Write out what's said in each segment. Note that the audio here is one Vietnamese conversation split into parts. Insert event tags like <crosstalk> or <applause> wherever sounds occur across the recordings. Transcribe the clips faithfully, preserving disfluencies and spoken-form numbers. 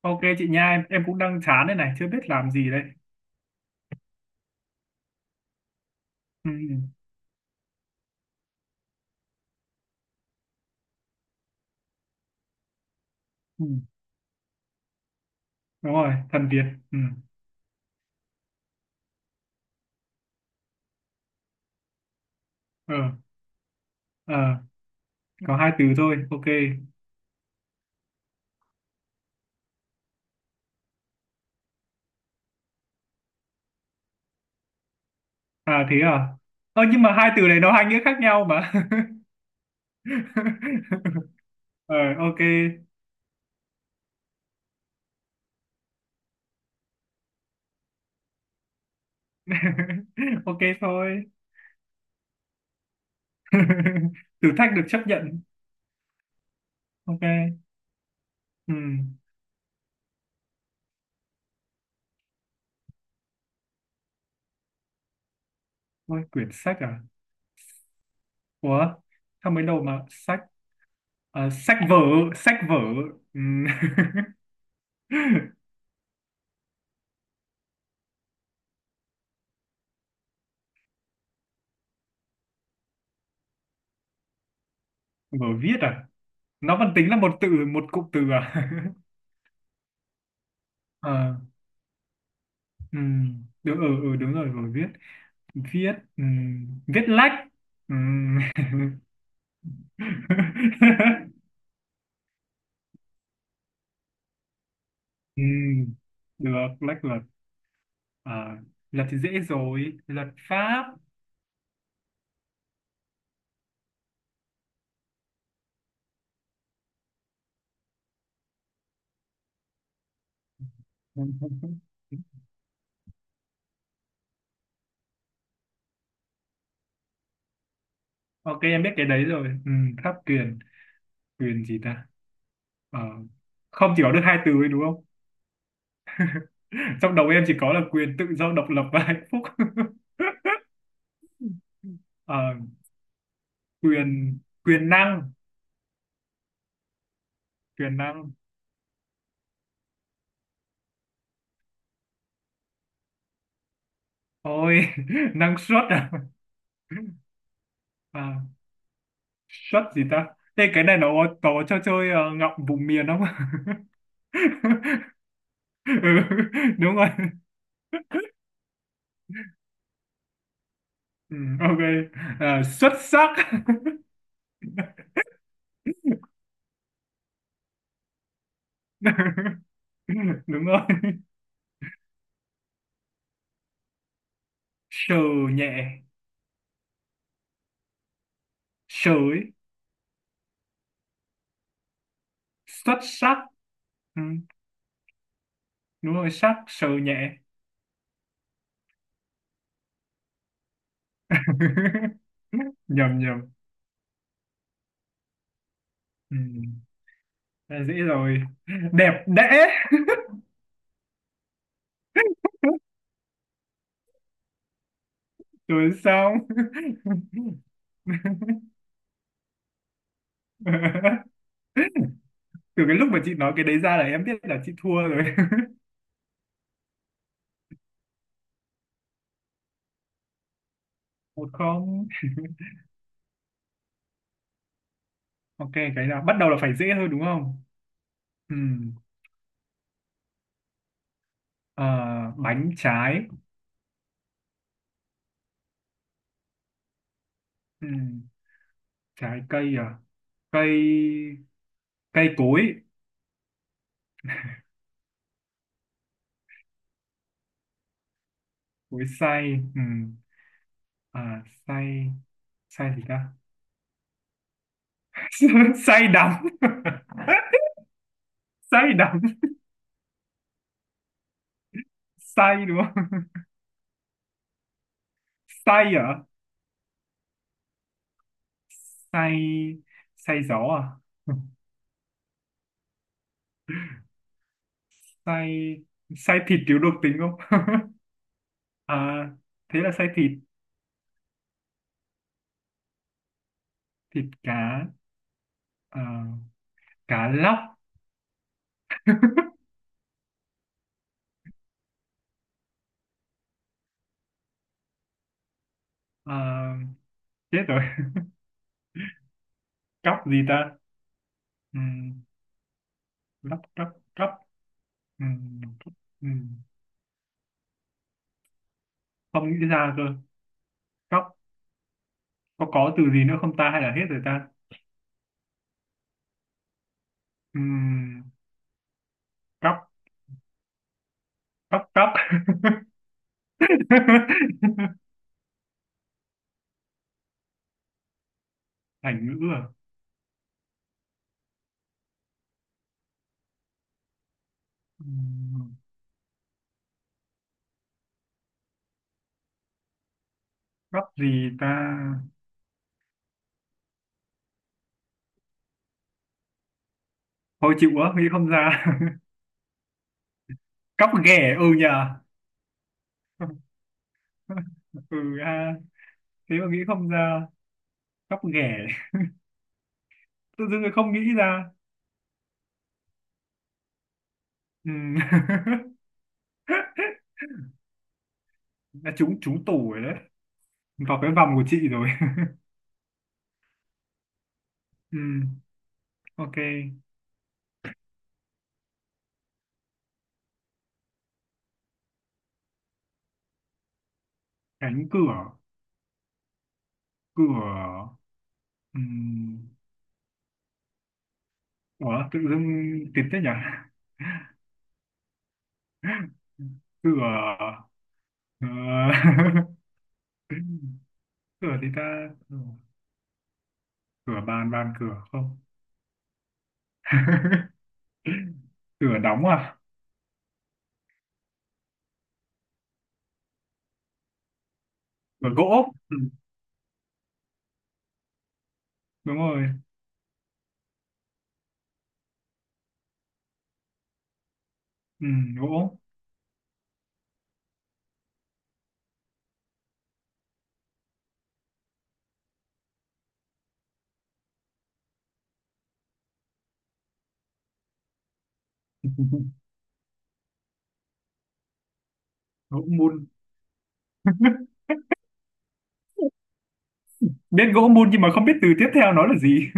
Ok chị nha, em, em cũng đang chán đây này, chưa biết làm gì đây. Ừ, ừ, ừ. Đúng rồi, thần Việt. Ừ. Ờ, ờ, có hai từ thôi, ok. À thế à? Ơ nhưng mà hai từ này nó hai nghĩa khác nhau mà. <laughs> Ờ, ok. <laughs> Ok thôi. <laughs> Thử thách được chấp nhận. Ok. Ừ. Ôi, quyển sách à? Ủa? Sao mới đầu mà sách? À, sách vở, sách vở. Ừ. <laughs> Vở viết à? Nó vẫn tính là một từ một cụm từ à? <laughs> ờ, ừ, đúng. Ừ, ừ đúng rồi. Rồi viết, viết. Ừ. Viết lách. Ừ. <laughs> ừ. Được lách luật. À, luật thì dễ rồi. Luật pháp. <laughs> ok em biết cái đấy rồi. Ừ. Pháp quyền. Quyền gì ta? Ờ, không chỉ có được hai từ ấy đúng không? <laughs> trong đầu em chỉ có là quyền tự do độc lập và hạnh phúc. <laughs> ờ, quyền quyền năng. Quyền năng. Ôi, <laughs> năng suất à? À, suất gì ta? Thế cái này nó có cho chơi ờ, ngọng vùng miền không? <laughs> ừ, đúng rồi. Ừ, ok. À, xuất sắc. <laughs> Đúng rồi. Sờ nhẹ. Sờ ấy. Xuất sắc. Ừ, đúng rồi, sắc, sờ nhẹ. <laughs> Nhầm nhầm. Ừ, đã dễ rồi. Đẹp đẽ. Rồi sao? <laughs> <laughs> từ cái lúc mà chị nói cái đấy ra là em biết là chị thua rồi. <laughs> một không. Ok cái nào bắt đầu là phải dễ thôi đúng không? Ừ. Ờ, bánh trái. Ừ. Trái cây à? Cây. Cây cối. Cối xay. Ừ. À, xay. Xay gì ta? <laughs> xay đắng. <laughs> xay đắng. Xay đúng không? <laughs> xay à? Xay. Xay gió à? <laughs> xay. Xay thịt thiếu độc tính không? <laughs> à, thế là xay thịt. Thịt cá. À, cá lóc. <laughs> à, chết rồi. <laughs> cóc gì ta? Ừm, lóc cóc. Cóc. Ừm, cóc. Ừm, không nghĩ ra cơ. Cóc. Có có từ gì nữa không ta hay là hết rồi ta? Ừm, cóc. Cóc cóc. <laughs> thành ngữ à? Ừm, cóc gì ta? Thôi chịu quá nghĩ không ra. <laughs> cóc ghẻ ừ nhờ. <laughs> ừ ha. Thế mà nghĩ không ra. Cóc ghẻ. Tự dưng lại không nghĩ ra. Ừ. <laughs> đã trúng trúng tủ rồi đấy. Vào cái vòng của chị rồi. <laughs> ừ. Ok cánh cửa. Cửa. Ừ. Ủa tự dưng tìm thế nhỉ? Cửa. ờ, <laughs> cửa thì ta? Cửa bàn bàn cửa không? <laughs> cửa đóng à? Cửa gỗ. Ừ. Đúng rồi. Ừ. Gỗ. <laughs> gỗ mun. Biết gỗ mun nhưng mà không biết từ tiếp theo nó là gì.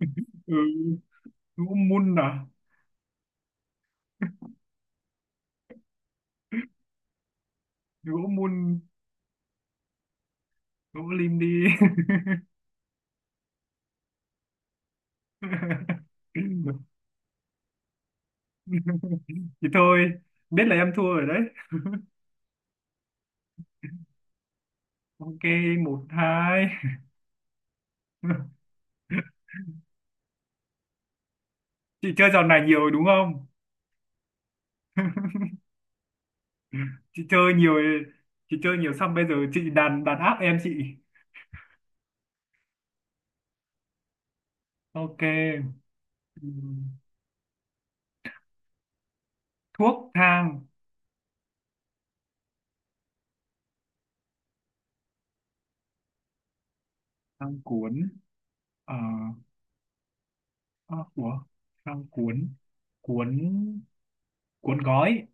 <laughs> ừ. Gỗ mun à? Gỗ mun. Gỗ lim đi. <laughs> thì thôi biết là em thua rồi đấy. Ok một hai. <laughs> chị chơi trò này nhiều rồi đúng không? <laughs> chị chơi nhiều. Chị chơi nhiều xong bây giờ chị đàn đàn áp em chị. Ok. Ừm, thuốc thang. Thang cuốn. ờ À, của thang cuốn. Cuốn cuốn gói.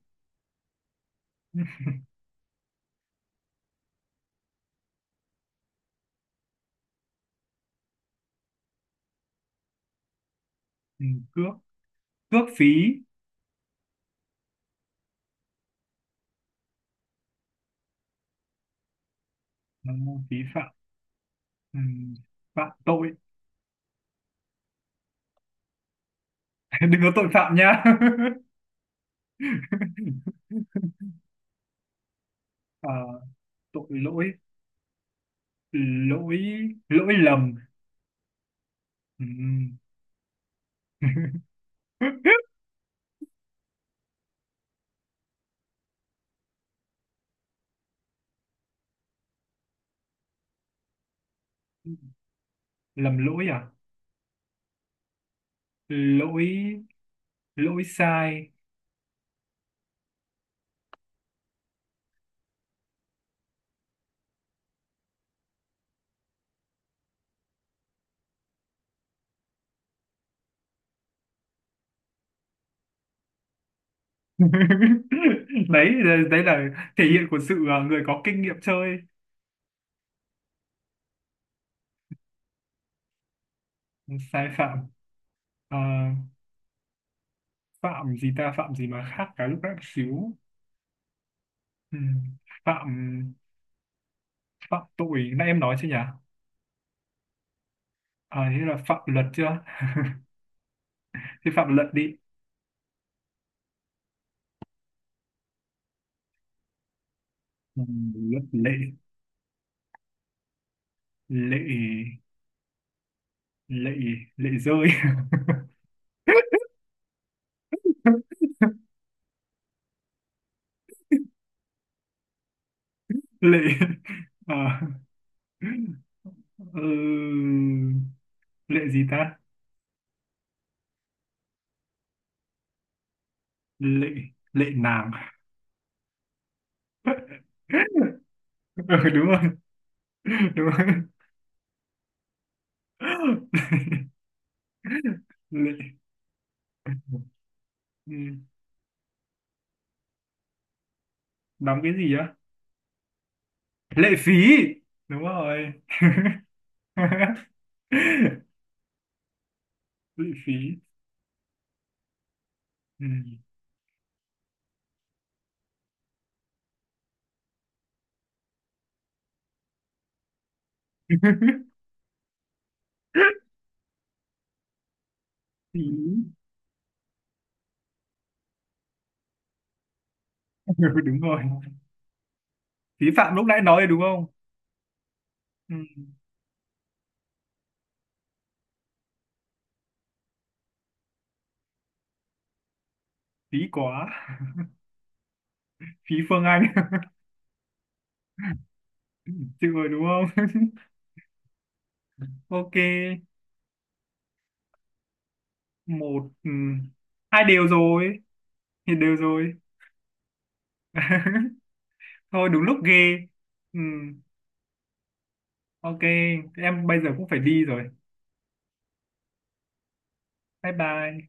Ừ, cước. Cước phí. Ừ, phí phạm. Ừ, phạm tội. <laughs> đừng có tội phạm nha. <laughs> Ờ, tội lỗi. Lỗi lỗi lầm. Ừ. <laughs> lầm lỗi à? Lỗi. Lỗi sai. <laughs> đấy, đấy là thể hiện của sự à, người có kinh nghiệm chơi. Sai phạm. Ờ, phạm gì ta? Phạm gì mà khác cả lúc nãy một xíu? Ừ. Phạm. Phạm tội nãy em nói chưa nhỉ? À thế là phạm luật chưa? Thế phạm luật đi. Ừ, luật lệ. Lệ. Lệ. Lệ rơi. <laughs> lệ. À, ừ, lệ gì ta? Lệ. Lệ nàng. <laughs> ừ, đúng rồi đúng rồi. <laughs> lệ. Ừ, đóng cái gì á? Lệ phí. Đúng rồi. <laughs> lệ phí. Ừ. <laughs> phí. Ừ, đúng rồi. Phí phạm lúc nãy nói đúng không? Ừ. Phí quá. Phí Phương Anh. <laughs> chịu rồi đúng không? <laughs> ok. Một. Ừm, hai đều rồi. Thì đều rồi. <laughs> thôi đúng lúc ghê. Ừm, ok. Em bây giờ cũng phải đi rồi. Bye bye.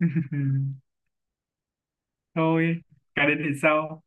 <laughs> thôi cái đến thì sau.